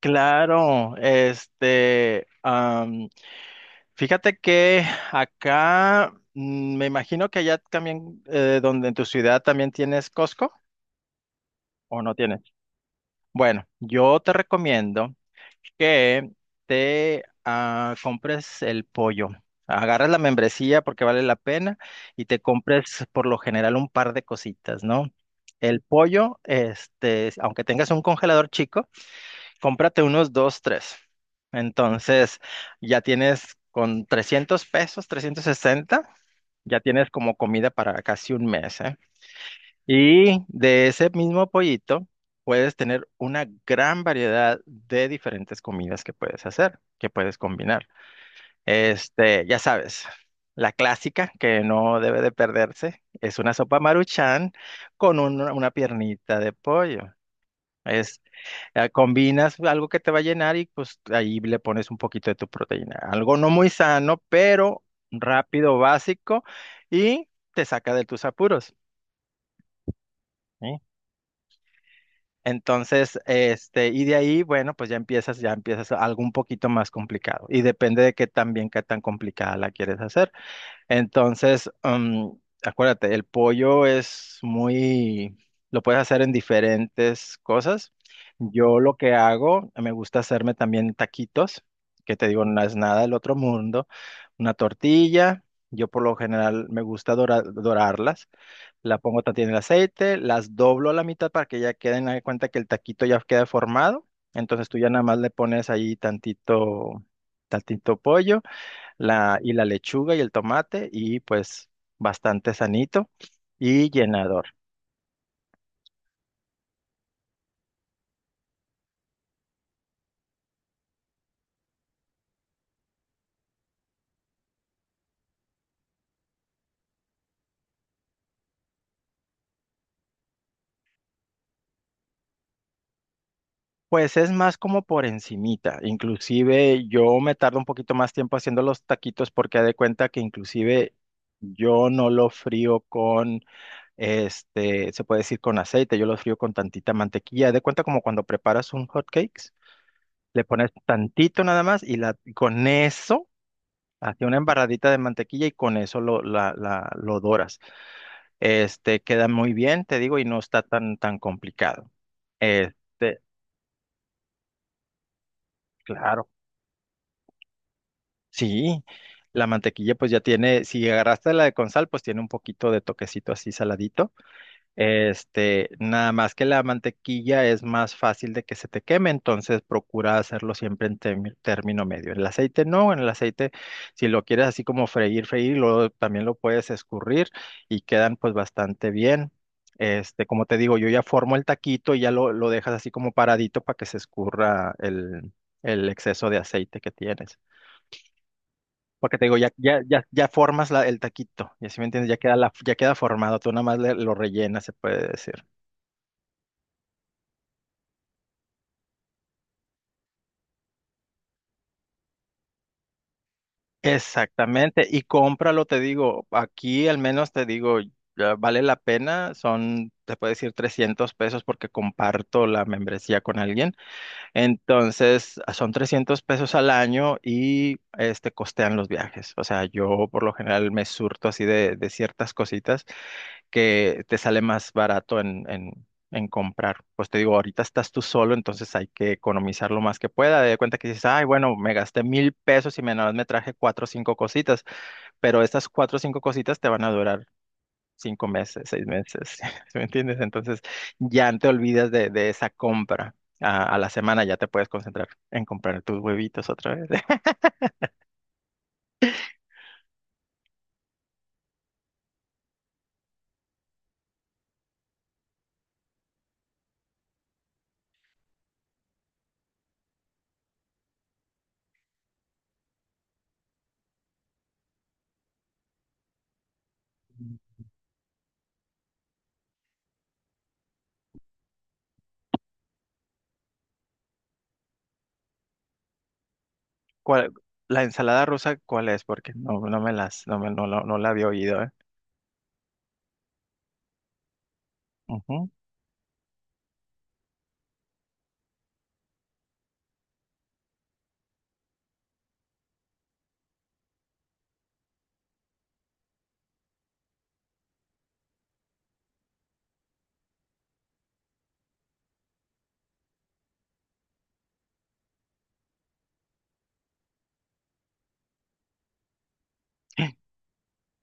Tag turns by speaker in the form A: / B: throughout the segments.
A: Claro, fíjate que acá, me imagino que allá también, donde en tu ciudad también tienes Costco o no tienes. Bueno, yo te recomiendo que te compres el pollo. Agarras la membresía porque vale la pena y te compres por lo general un par de cositas, ¿no? El pollo, aunque tengas un congelador chico, cómprate unos dos, tres. Entonces, ya tienes con 300 pesos, 360, ya tienes como comida para casi un mes, ¿eh? Y de ese mismo pollito puedes tener una gran variedad de diferentes comidas que puedes hacer, que puedes combinar. Ya sabes, la clásica que no debe de perderse es una sopa Maruchan con una piernita de pollo, combinas algo que te va a llenar y pues ahí le pones un poquito de tu proteína. Algo no muy sano, pero rápido, básico y te saca de tus apuros. ¿Sí? Entonces, y de ahí, bueno, pues ya empiezas algo un poquito más complicado y depende de qué tan bien, qué tan complicada la quieres hacer. Entonces, acuérdate, el pollo es muy, lo puedes hacer en diferentes cosas. Yo lo que hago, me gusta hacerme también taquitos, que te digo, no es nada del otro mundo. Una tortilla, yo por lo general me gusta dorarlas. La pongo también en el aceite, las doblo a la mitad para que ya queden, haz de cuenta que el taquito ya queda formado. Entonces tú ya nada más le pones ahí tantito, tantito pollo y la lechuga y el tomate y pues bastante sanito y llenador. Pues es más como por encimita. Inclusive yo me tardo un poquito más tiempo haciendo los taquitos porque haz de cuenta que inclusive yo no lo frío con, se puede decir con aceite, yo lo frío con tantita mantequilla. Haz de cuenta como cuando preparas un hot cakes, le pones tantito nada más y y con eso, hace una embarradita de mantequilla y con eso lo doras. Este queda muy bien, te digo, y no está tan tan complicado. Este, claro, sí. La mantequilla pues ya tiene, si agarraste la de con sal, pues tiene un poquito de toquecito así saladito. Nada más que la mantequilla es más fácil de que se te queme, entonces procura hacerlo siempre en término medio. En el aceite no, en el aceite, si lo quieres así como freír, freír, luego también lo puedes escurrir y quedan pues bastante bien. Como te digo, yo ya formo el taquito y ya lo dejas así como paradito para que se escurra el exceso de aceite que tienes. Porque te digo, ya formas el taquito, y así me entiendes, ya ya queda formado, tú nada más lo rellenas, se puede decir. Exactamente, y cómpralo, te digo, aquí al menos te digo, ya vale la pena, son, te puedo decir 300 pesos porque comparto la membresía con alguien, entonces son 300 pesos al año y costean los viajes, o sea, yo por lo general me surto así de ciertas cositas que te sale más barato en, en comprar. Pues te digo, ahorita estás tú solo, entonces hay que economizar lo más que pueda. De cuenta que dices, ay, bueno, me gasté 1000 pesos y nada más me traje cuatro o cinco cositas, pero estas cuatro o cinco cositas te van a durar 5 meses, 6 meses, ¿sí me entiendes? Entonces ya te olvidas de esa compra. A la semana ya te puedes concentrar en comprar tus huevitos otra vez. ¿Cuál- la ensalada rusa, ¿cuál es? Porque no me las, no la había oído, ¿eh? Ujú.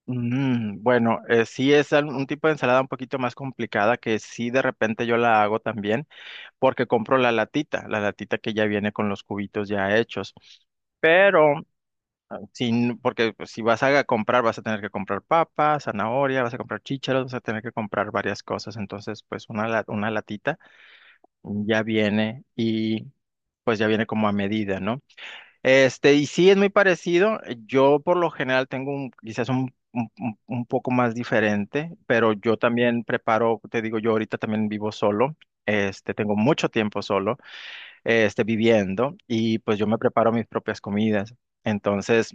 A: Bueno, sí es un tipo de ensalada un poquito más complicada que sí de repente yo la hago también porque compro la latita que ya viene con los cubitos ya hechos. Pero, sin, porque pues, si vas a comprar, vas a tener que comprar papas, zanahoria, vas a comprar chícharos, vas a tener que comprar varias cosas. Entonces, pues una latita ya viene y pues ya viene como a medida, ¿no? Y sí es muy parecido. Yo por lo general tengo quizás un poco más diferente, pero yo también preparo, te digo, yo ahorita también vivo solo. Tengo mucho tiempo solo, viviendo y pues yo me preparo mis propias comidas. Entonces,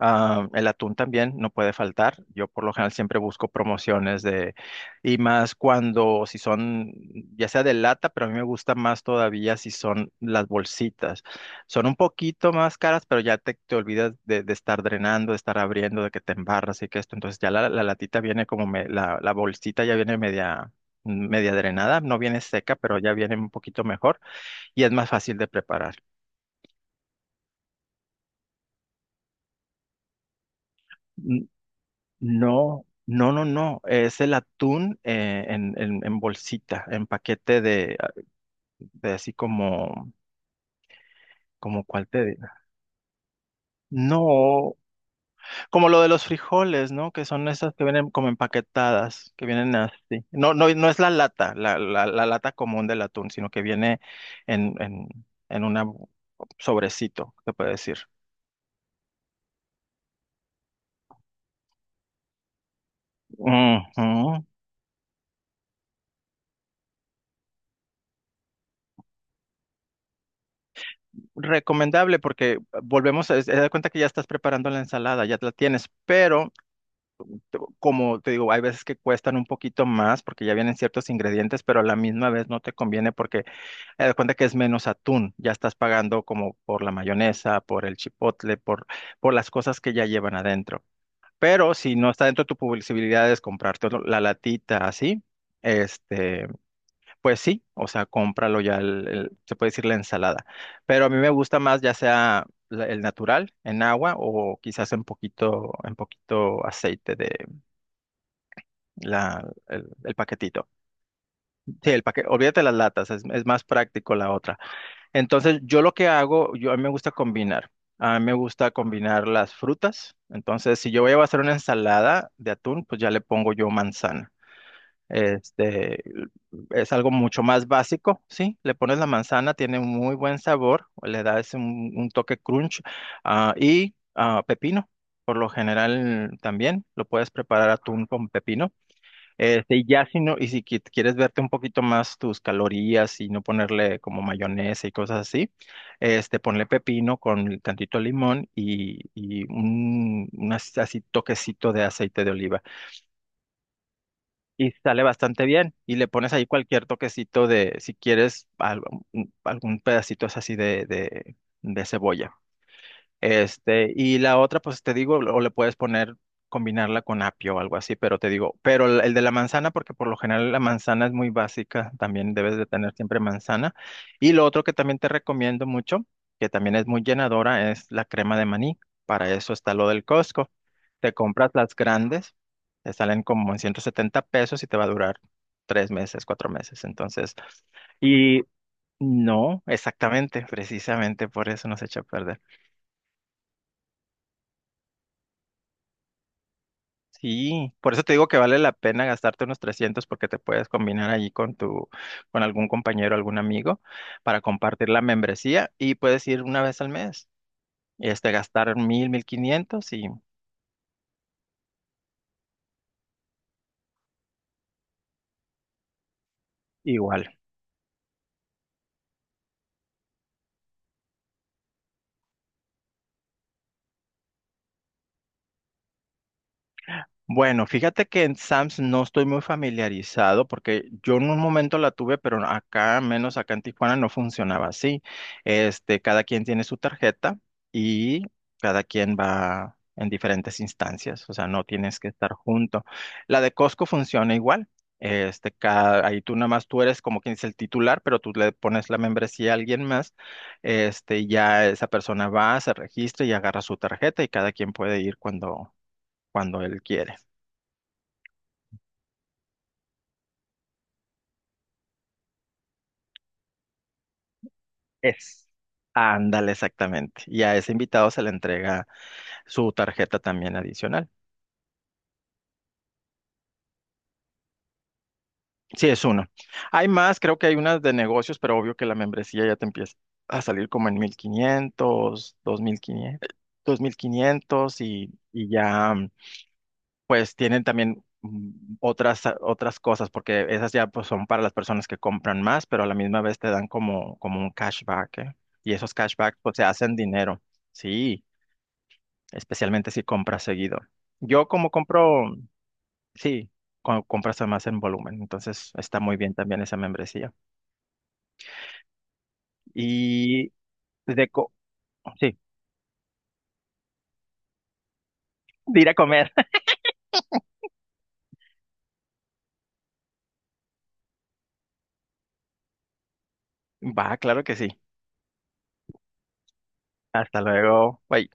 A: El atún también no puede faltar. Yo por lo general siempre busco promociones y más cuando si son, ya sea de lata, pero a mí me gusta más todavía si son las bolsitas. Son un poquito más caras, pero ya te olvidas de estar drenando, de estar abriendo, de que te embarras y que esto. Entonces ya la latita viene como la bolsita ya viene media drenada, no viene seca, pero ya viene un poquito mejor y es más fácil de preparar. No, no, no, no. Es el atún en, en bolsita, en paquete de, de así como cuál te digo. No, como lo de los frijoles, ¿no? Que son esas que vienen como empaquetadas, que vienen así. No, no, no es la lata, la lata común del atún, sino que viene en, en una bu- sobrecito, se puede decir. Ujú. Recomendable porque volvemos a haz de cuenta que ya estás preparando la ensalada, ya la tienes, pero como te digo, hay veces que cuestan un poquito más porque ya vienen ciertos ingredientes, pero a la misma vez no te conviene porque te das cuenta que es menos atún, ya estás pagando como por la mayonesa, por el chipotle, por las cosas que ya llevan adentro. Pero si no está dentro de tu posibilidad es comprarte la latita así, este, pues sí, o sea, cómpralo ya, se puede decir la ensalada. Pero a mí me gusta más ya sea el natural en agua o quizás en poquito aceite el paquetito. Sí, el paquete, olvídate las latas, es más práctico la otra. Entonces, yo lo que hago, yo a mí me gusta combinar. A mí me gusta combinar las frutas. Entonces, si yo voy a hacer una ensalada de atún, pues ya le pongo yo manzana. Este, es algo mucho más básico, ¿sí? Le pones la manzana, tiene un muy buen sabor, le da ese un toque crunch, y pepino. Por lo general también lo puedes preparar atún con pepino. Y si quieres verte un poquito más tus calorías y no ponerle como mayonesa y cosas así, ponle pepino con tantito limón y un así toquecito de aceite de oliva. Y sale bastante bien. Y le pones ahí cualquier toquecito de, si quieres, algún pedacito es así de cebolla. Y la otra, pues te digo, o le puedes poner, combinarla con apio o algo así, pero te digo, pero el de la manzana, porque por lo general la manzana es muy básica, también debes de tener siempre manzana. Y lo otro que también te recomiendo mucho, que también es muy llenadora, es la crema de maní. Para eso está lo del Costco. Te compras las grandes, te salen como en 170 pesos y te va a durar 3 meses, 4 meses. Entonces, y no, exactamente, precisamente por eso nos echa a perder. Sí, por eso te digo que vale la pena gastarte unos 300 porque te puedes combinar allí con con algún compañero, algún amigo para compartir la membresía y puedes ir una vez al mes, gastar 1000, 1500 y igual. Bueno, fíjate que en Sams no estoy muy familiarizado porque yo en un momento la tuve, pero acá, menos acá en Tijuana, no funcionaba así. Cada quien tiene su tarjeta y cada quien va en diferentes instancias, o sea, no tienes que estar junto. La de Costco funciona igual. Ahí tú nada más tú eres como quien es el titular, pero tú le pones la membresía a alguien más. Y ya esa persona va, se registra y agarra su tarjeta y cada quien puede ir cuando él quiere. Es. Ándale, exactamente. Y a ese invitado se le entrega su tarjeta también adicional. Sí, es uno. Hay más, creo que hay unas de negocios, pero obvio que la membresía ya te empieza a salir como en 1000 mil quinientos quinientos 2500, y, ya pues tienen también otras cosas, porque esas ya pues son para las personas que compran más, pero a la misma vez te dan como un cashback, ¿eh? Y esos cashbacks pues se hacen dinero. Sí. Especialmente si compras seguido. Yo como compro, sí, compras además en volumen, entonces está muy bien también esa membresía. Y de co sí, de ir a comer. Va, claro que sí. Hasta luego. Bye.